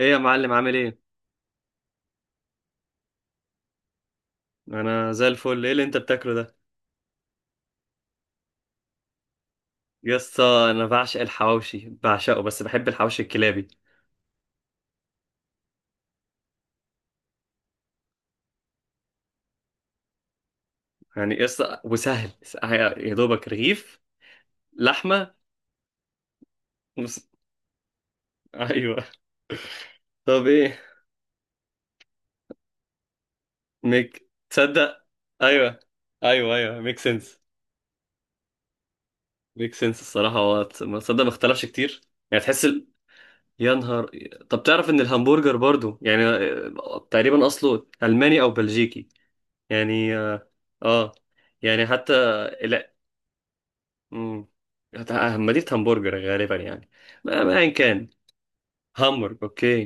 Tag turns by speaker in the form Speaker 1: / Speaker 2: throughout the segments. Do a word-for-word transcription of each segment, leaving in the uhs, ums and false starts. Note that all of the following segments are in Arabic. Speaker 1: ايه يا معلم؟ عامل ايه؟ انا زي الفل. ايه اللي انت بتاكله ده؟ يسطا انا بعشق الحواوشي بعشقه، بس بحب الحواوشي الكلابي. يعني يسطا وسهل. يا دوبك رغيف. لحمه وس... ايوه. طب ايه؟ ميك تصدق. ايوه، ايوه، ايوه، ميك سنس. ميك سنس الصراحه. هو تص- ما تصدق ما اختلفش كتير. يعني تحس ال... يا نهار. طب تعرف ان الهمبرجر برضو يعني آه، تقريبا اصله الماني او بلجيكي. يعني اه. آه. يعني حتى امم همديت همبرجر غالبا يعني. ما ما ايا كان. همبرج، اوكي.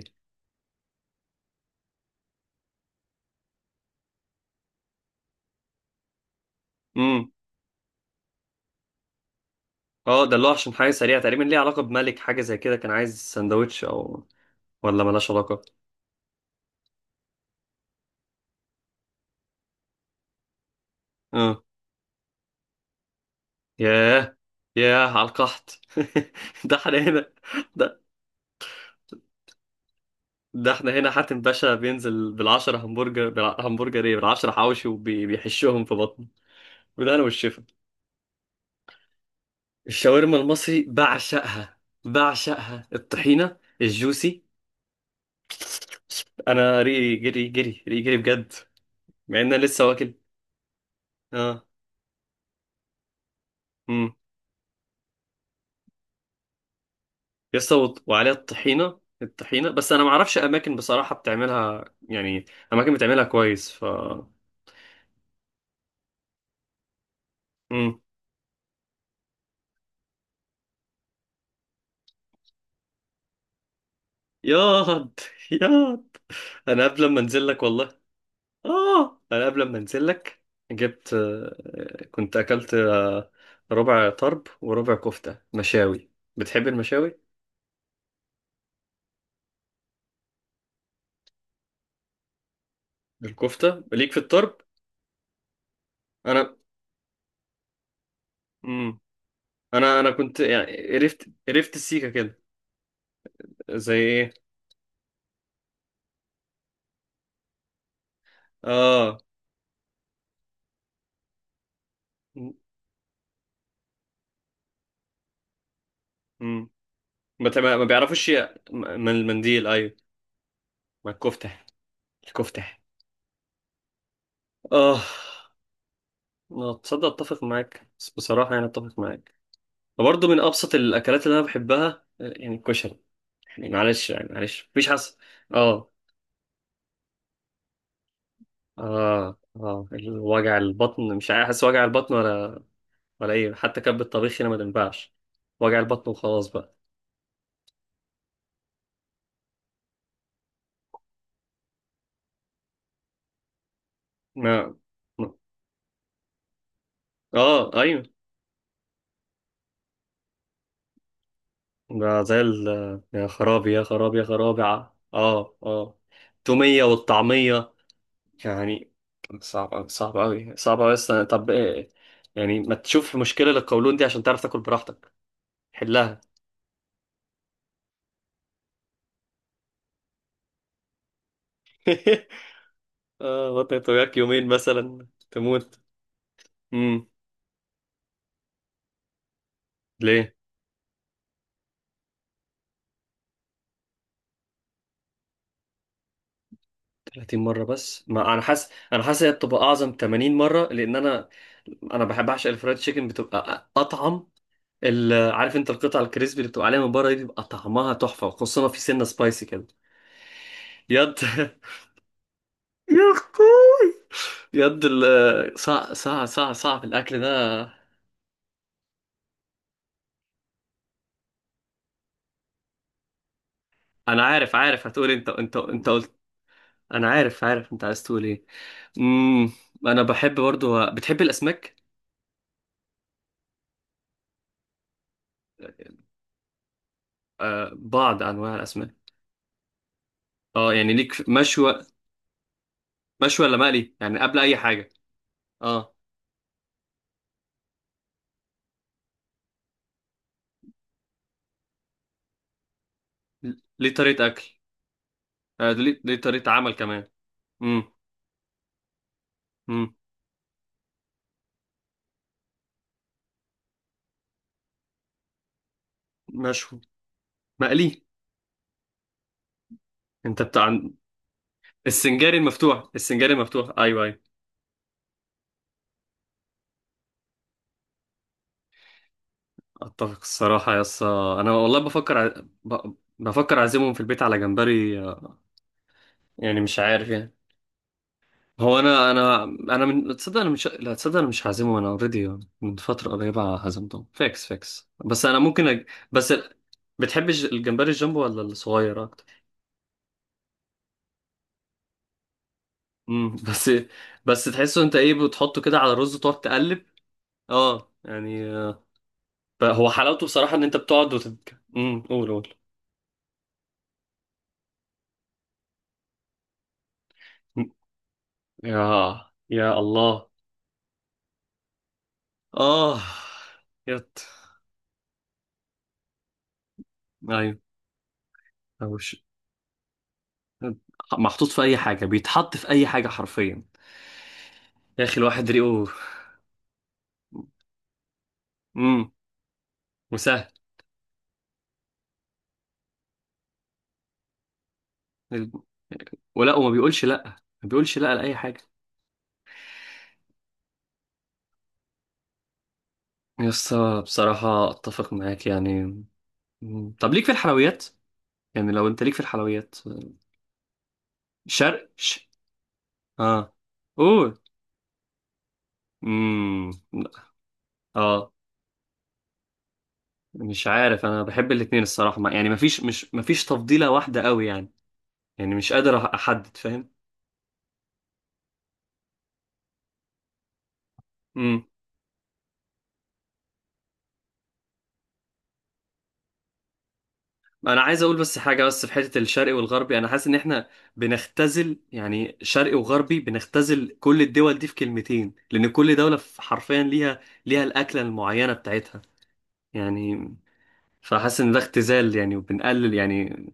Speaker 1: امم اه ده اللي هو عشان حاجه سريعه، تقريبا ليه علاقه بملك، حاجه زي كده كان عايز سندوتش او ولا ملهاش علاقه؟ اه. ياه! ياه على القحط! ده احنا هنا. ده ده احنا هنا حاتم باشا بينزل بالعشرة همبرجر، بالهمبرجر ايه، بالعشرة حواوشي وبيحشهم في بطنه. بالهنا والشفا. الشاورما المصري بعشقها. بعشقها الطحينة الجوسي. انا ريقي جري جري، ريقي جري بجد. مع ان انا لسه واكل. اه. امم لسه وط- وعليها الطحينه الطحينه، بس انا ما اعرفش اماكن بصراحه بتعملها يعني. اماكن بتعملها كويس ف. امم ياض، ياض. انا قبل ما انزل لك والله. اه، انا قبل ما انزل لك. جبت آه، كنت اكلت آه، ربع طرب وربع كفته مشاوي. بتحب المشاوي؟ الكفته ليك في الطرب. انا مم. انا انا كنت يعني قرفت قرفت السيكه كده. زي ايه؟ اه. م- م. ما ما ما بيعرفوش ي- من المنديل، ايوه. ما الكفته. الكفته. اه. آه، تصدق، اتفق معاك بس بصراحه يعني اتفق معاك. وبرضه من ابسط الاكلات اللي انا بحبها آه، يعني الكشري. يعني معلش، يعني معلش مفيش حس. اه، اه، اه، الوجع البطن، مش عارف احس وجع البطن، ولا ولا ايه؟ حتى كب الطبيخ هنا ما تنفعش. وجع البطن وخلاص بقى. ما ما- اه، ايوه. ده زي ال. يا خرابي، يا خرابي، يا خرابي، ع- اه، اه. التومية والطعمية. يعني صعب أوي، صعب أوي، صعب أوي، بس طب إيه؟ يعني ما تشوف مشكلة للقولون دي، عشان تعرف تاكل براحتك. حلها. اه، بطنك توجعك يومين مثلا تموت. امم. ليه؟ ثلاثين مرة؟ بس ما أنا حاسس، أنا حاسس هي بتبقى أعظم ثمانين مرة لأن أنا أنا بحب أعشق الفرايد تشيكن بتبقى أطعم. ال- عارف انت القطع الكريسبي اللي بتبقى عليها من بره دي بيبقى طعمها تحفه، خصوصا في سنه سبايسي كده. يد يا اخوي. يد ال- صع صع صع صعب الاكل ده. انا عارف عارف هتقول إيه، انت انت انت قلت. انا عارف عارف انت عايز تقول ايه. امم انا بحب برضو. بتحب الاسماك؟ آه، بعض انواع الاسماك. اه، يعني ليك في- مشوي. مشوي ولا مقلي يعني قبل اي حاجه؟ اه. ليه طريقه اكل؟ آه، ليه ليه طريقه عمل كمان. امم. امم. مشوي. مقلي. انت بتاع السنجاري المفتوح، السنجاري المفتوح، ايوه، ايوه. اتفق الصراحه يا اسطى، انا والله بفكر ع... ب... بفكر اعزمهم في البيت على جمبري آه، يعني مش عارف يعني. هو انا انا انا من تصدق انا مش، لا تصدق انا مش هعزمهم، انا اوريدي من فتره قريبه هزمتهم فيكس فيكس، بس انا ممكن أج... بس ال- بتحب الج- الجمبري الجامبو ولا الصغير اكتر؟ امم. بس بس تحسه انت ايه؟ بتحطه كده على الرز وتقعد تقلب. اه، يعني آه، ب- هو حلاوته بصراحه ان انت بتقعد وتت... امم، قول، قول. يا يا الله. اه. يت ايوه. أو ش- محطوط في اي حاجه، بيتحط في اي حاجه حرفيا. يا اخي، الواحد ريقه. امم. وسهل. ولا وما بيقولش لا. ما بيقولش لا لاي حاجه. يس. بصراحه اتفق معاك يعني. مم. طب ليك في الحلويات؟ يعني لو انت ليك في الحلويات. شرق ش... اه. قول. امم. اه. مش عارف، انا بحب الاتنين الصراحه، ما- يعني مفيش، مش مفيش تفضيله واحده قوي يعني. يعني مش قادر احدد، فاهم؟ امم. انا عايز اقول بس حاجه، بس في حته الشرقي والغربي، انا حاسس ان احنا بنختزل يعني شرقي وغربي، بنختزل كل الدول دي في كلمتين، لان كل دوله في- حرفيا ليها. ليها الاكله المعينه بتاعتها يعني. فحاسس ان ده اختزال يعني، وبنقلل يعني.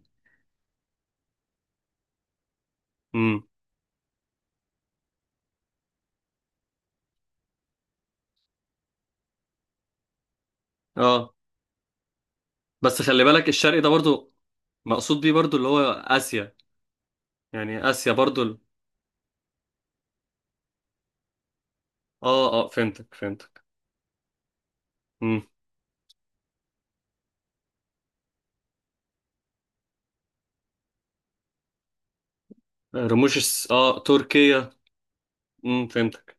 Speaker 1: امم. اه. بس خلي بالك، الشرقي ده برضو مقصود بيه برضو اللي هو اسيا. يعني اسيا برضو ال... اه، اه، فهمتك، فهمتك. امم. رموش، الس- اه، تركيا. امم، فهمتك.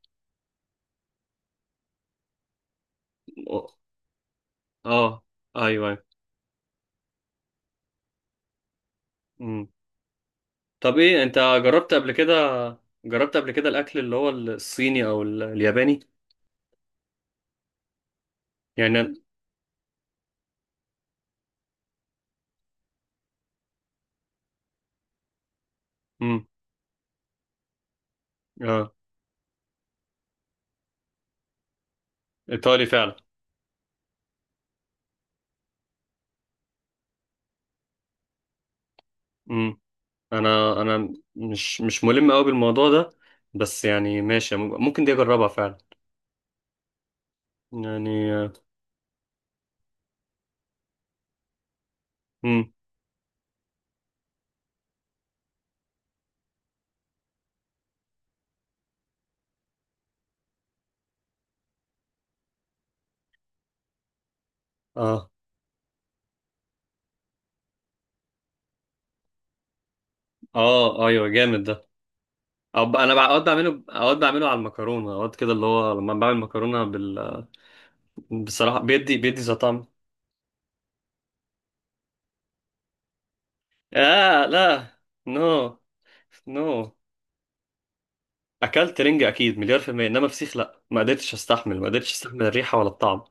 Speaker 1: اه، ايوه، ايوه. مم. طب ايه، انت جربت قبل كده؟ جربت قبل كده الاكل اللي هو الصيني او ال- الياباني؟ يعني أنا- مم. اه. ايطالي فعلا. مم. انا انا مش مش ملم قوي بالموضوع ده. بس يعني ماشي، ممكن دي اجربها فعلا. يعني آه، مم. اه، اه، ايوه، جامد ده. أو ب- انا اوقات بعمله، اوقات بعمله على المكرونه، اوقات كده اللي هو لما بعمل مكرونه بال. بصراحه بيدي بيدي زي طعم. اه، لا. نو. نو. اكلت رنجة اكيد مليار في المية، انما فسيخ لا، ما قدرتش استحمل، ما قدرتش استحمل الريحة ولا الطعم.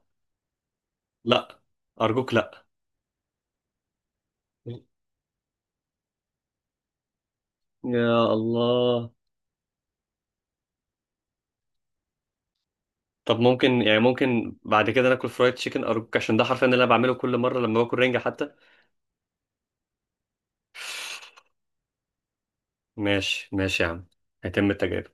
Speaker 1: لا. ارجوك لا. يا الله. طب ممكن يعني، ممكن بعد كده ناكل فرايد تشيكن ارجوك، عشان ده حرفيا اللي انا بعمله كل مرة لما باكل رنجة حتى. ماشي، ماشي يا عم. هيتم التجارب.